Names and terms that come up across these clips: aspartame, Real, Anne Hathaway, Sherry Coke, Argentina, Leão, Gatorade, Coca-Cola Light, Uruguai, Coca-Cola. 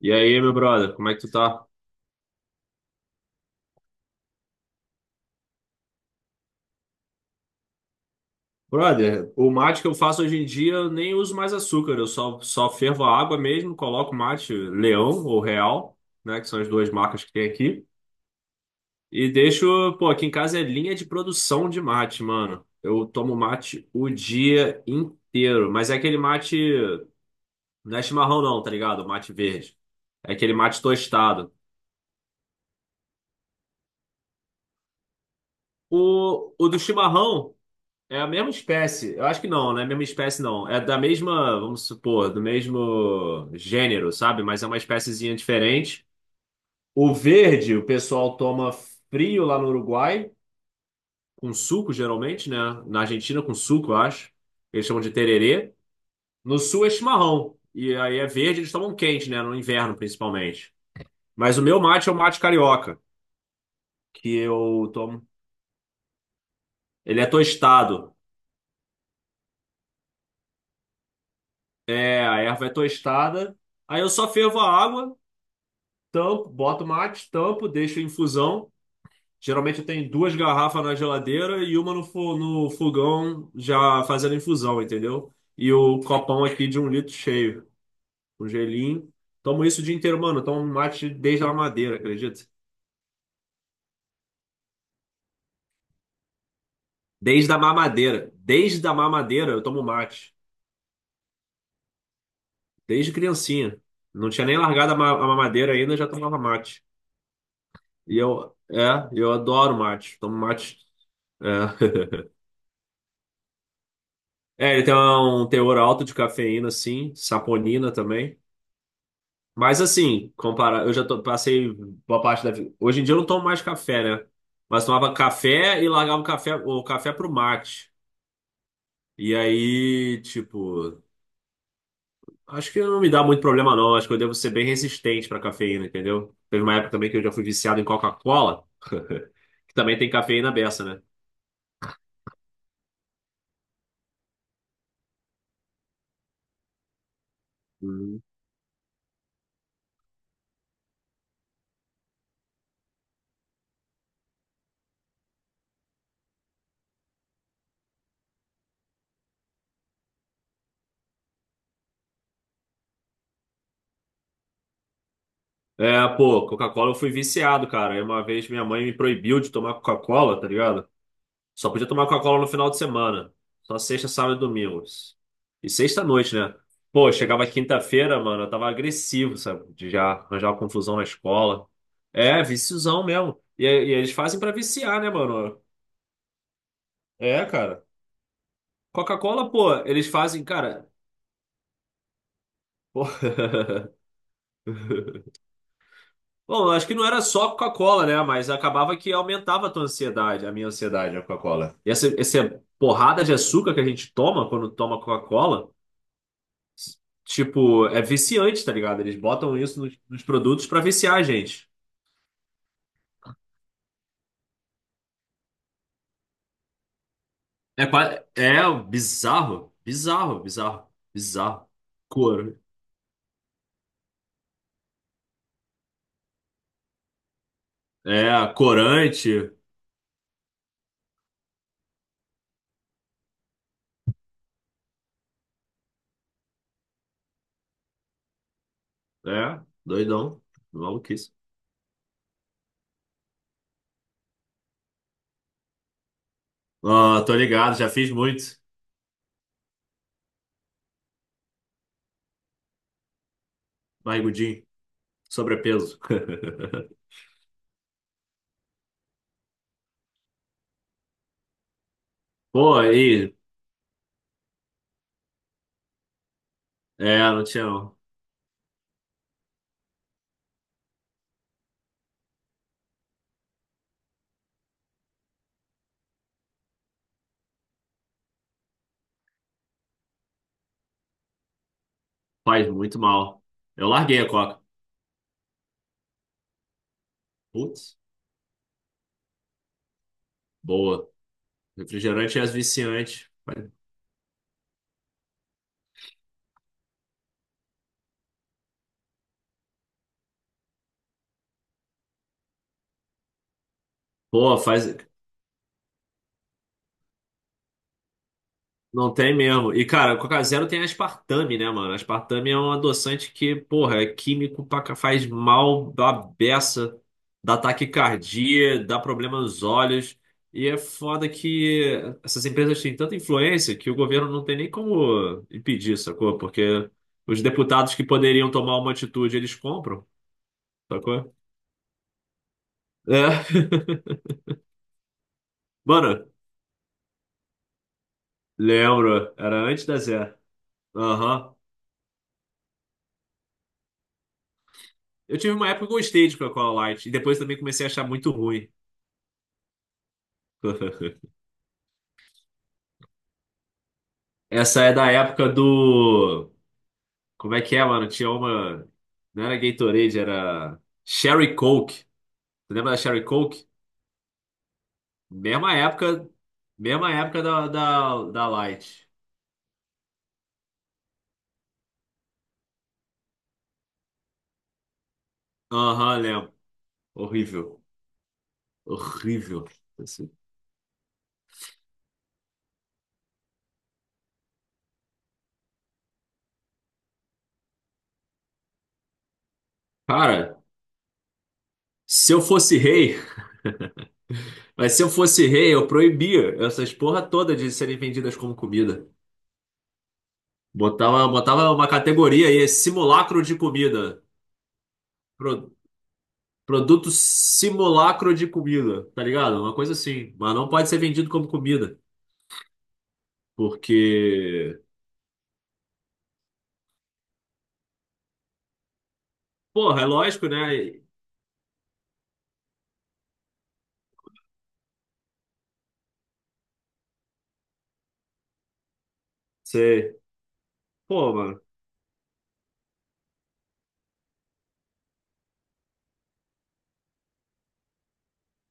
E aí, meu brother, como é que tu tá? Brother, o mate que eu faço hoje em dia eu nem uso mais açúcar, eu só fervo a água mesmo, coloco mate Leão ou Real, né, que são as duas marcas que tem aqui, e deixo, pô, aqui em casa é linha de produção de mate, mano. Eu tomo mate o dia inteiro, mas é aquele mate, não é chimarrão não, tá ligado? O mate verde. É aquele mate tostado. O do chimarrão. É a mesma espécie. Eu acho que não é a mesma espécie, não. É da mesma, vamos supor, do mesmo gênero, sabe? Mas é uma espéciezinha diferente. O verde, o pessoal toma frio lá no Uruguai, com suco, geralmente, né? Na Argentina, com suco, eu acho. Eles chamam de tererê. No sul é chimarrão. E aí é verde, eles tomam quente, né? No inverno, principalmente. Mas o meu mate é o mate carioca, que eu tomo. Ele é tostado. É, a erva é tostada. Aí eu só fervo a água. Tampo, boto o mate, tampo, deixo em infusão. Geralmente eu tenho duas garrafas na geladeira e uma no, no fogão já fazendo infusão, entendeu? E o copão aqui de um litro cheio, um gelinho. Tomo isso o dia inteiro, mano. Eu tomo mate desde a madeira acredita? Desde a mamadeira. Desde a mamadeira eu tomo mate. Desde criancinha. Não tinha nem largado a a mamadeira ainda, já tomava mate. E eu, eu adoro mate. Tomo mate. É. É, ele tem um teor alto de cafeína, sim, saponina também. Mas assim, compara, eu já passei boa parte da vida. Hoje em dia eu não tomo mais café, né? Mas tomava café e largava o café pro mate. E aí, tipo, acho que não me dá muito problema, não. Acho que eu devo ser bem resistente pra cafeína, entendeu? Teve uma época também que eu já fui viciado em Coca-Cola, que também tem cafeína beça, né? Uhum. É, pô, Coca-Cola eu fui viciado, cara. Aí uma vez minha mãe me proibiu de tomar Coca-Cola, tá ligado? Só podia tomar Coca-Cola no final de semana. Só sexta, sábado e domingo. E sexta à noite, né? Pô, eu chegava quinta-feira, mano, eu tava agressivo, sabe? De já arranjar uma confusão na escola. É, viciozão mesmo. E eles fazem pra viciar, né, mano? É, cara. Coca-Cola, pô, eles fazem, cara. Pô. Bom, eu acho que não era só Coca-Cola, né? Mas acabava que aumentava a tua ansiedade, a minha ansiedade, a Coca-Cola. E essa porrada de açúcar que a gente toma quando toma Coca-Cola. Tipo, é viciante, tá ligado? Eles botam isso nos produtos pra viciar a gente. É, é bizarro, bizarro, bizarro, bizarro. Cor, é, corante, é, doidão, maluquice. Ah, tô ligado, já fiz muito. Barrigudinho, sobrepeso. Pô, aí, é, não tinha não. Faz muito mal. Eu larguei a coca. Putz, boa. Refrigerante é viciante. Pô, faz. Não tem mesmo. E, cara, Coca Zero tem aspartame, né, mano? Aspartame é um adoçante que, porra, é químico, faz mal da beça, dá taquicardia, dá problema nos olhos. E é foda que essas empresas têm tanta influência que o governo não tem nem como impedir, sacou? Porque os deputados que poderiam tomar uma atitude, eles compram, sacou? É. Mano, lembro. Era antes da Zé. Aham. Eu tive uma época que eu gostei de Coca-Cola Light. E depois também comecei a achar muito ruim. Essa é da época do. Como é que é, mano? Tinha uma. Não era Gatorade, era Sherry Coke. Tu lembra da Sherry Coke? Mesma época. Mesma época da Light. Aham, lembro. Horrível. Horrível. Assim. Cara, se eu fosse rei, mas se eu fosse rei, eu proibia essas porra toda de serem vendidas como comida. Botava, botava uma categoria aí, simulacro de comida. Pro- Produto simulacro de comida, tá ligado? Uma coisa assim. Mas não pode ser vendido como comida. Porque, porra, é lógico, né? Você, pô, mano.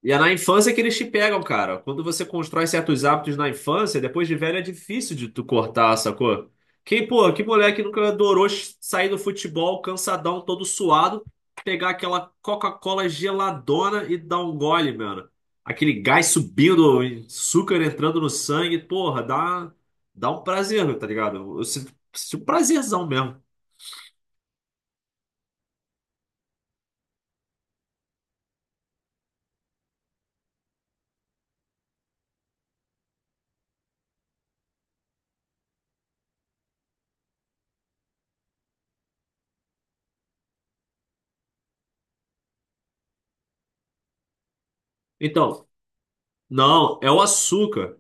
E é na infância que eles te pegam, cara. Quando você constrói certos hábitos na infância, depois de velho é difícil de tu cortar, sacou? Quem, pô, que moleque nunca adorou sair do futebol cansadão, todo suado, pegar aquela Coca-Cola geladona e dar um gole, mano. Aquele gás subindo, açúcar entrando no sangue, porra, dá, dá um prazer, tá ligado? Eu sinto um prazerzão mesmo. Então, não, é o açúcar.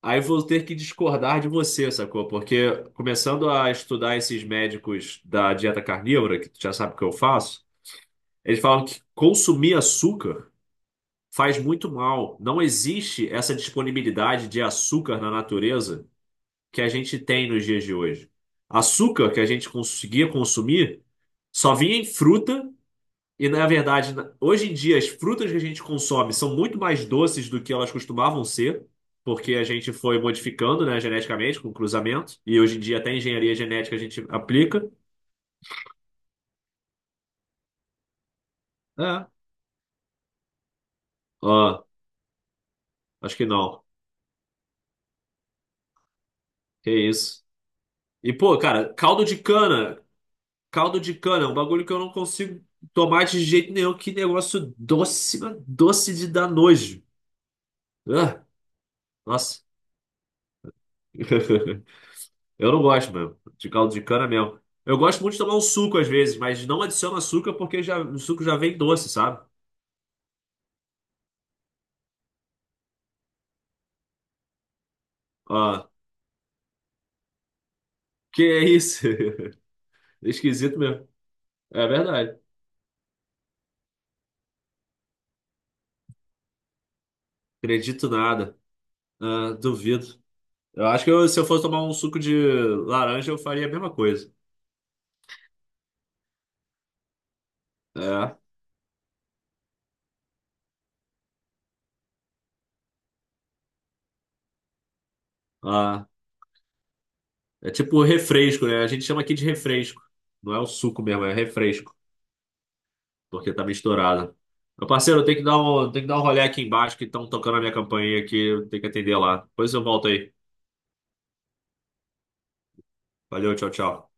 Aí vou ter que discordar de você, sacou? Porque começando a estudar esses médicos da dieta carnívora, que tu já sabe o que eu faço, eles falam que consumir açúcar faz muito mal. Não existe essa disponibilidade de açúcar na natureza que a gente tem nos dias de hoje. Açúcar que a gente conseguia consumir só vinha em fruta e na verdade, hoje em dia, as frutas que a gente consome são muito mais doces do que elas costumavam ser, porque a gente foi modificando, né, geneticamente, com cruzamento, e hoje em dia até engenharia genética a gente aplica. É. Ó, acho que não. Que isso. E, pô, cara, caldo de cana. Caldo de cana é um bagulho que eu não consigo tomar de jeito nenhum. Que negócio doce, mas doce de dar nojo. Ah, nossa. Eu não gosto mesmo, de caldo de cana mesmo. Eu gosto muito de tomar um suco às vezes, mas não adiciono açúcar porque já, o suco já vem doce, sabe? Ah, que é isso? Esquisito mesmo. É verdade. Acredito nada. Ah, duvido. Eu acho que se eu fosse tomar um suco de laranja, eu faria a mesma coisa. É. Ah, é tipo refresco, né? A gente chama aqui de refresco. Não é o suco mesmo, é refresco, porque tá misturado. Meu parceiro, eu tenho que dar um, tenho que dar um rolê aqui embaixo que estão tocando a minha campainha aqui, eu tenho que atender lá. Depois eu volto aí. Valeu, tchau, tchau.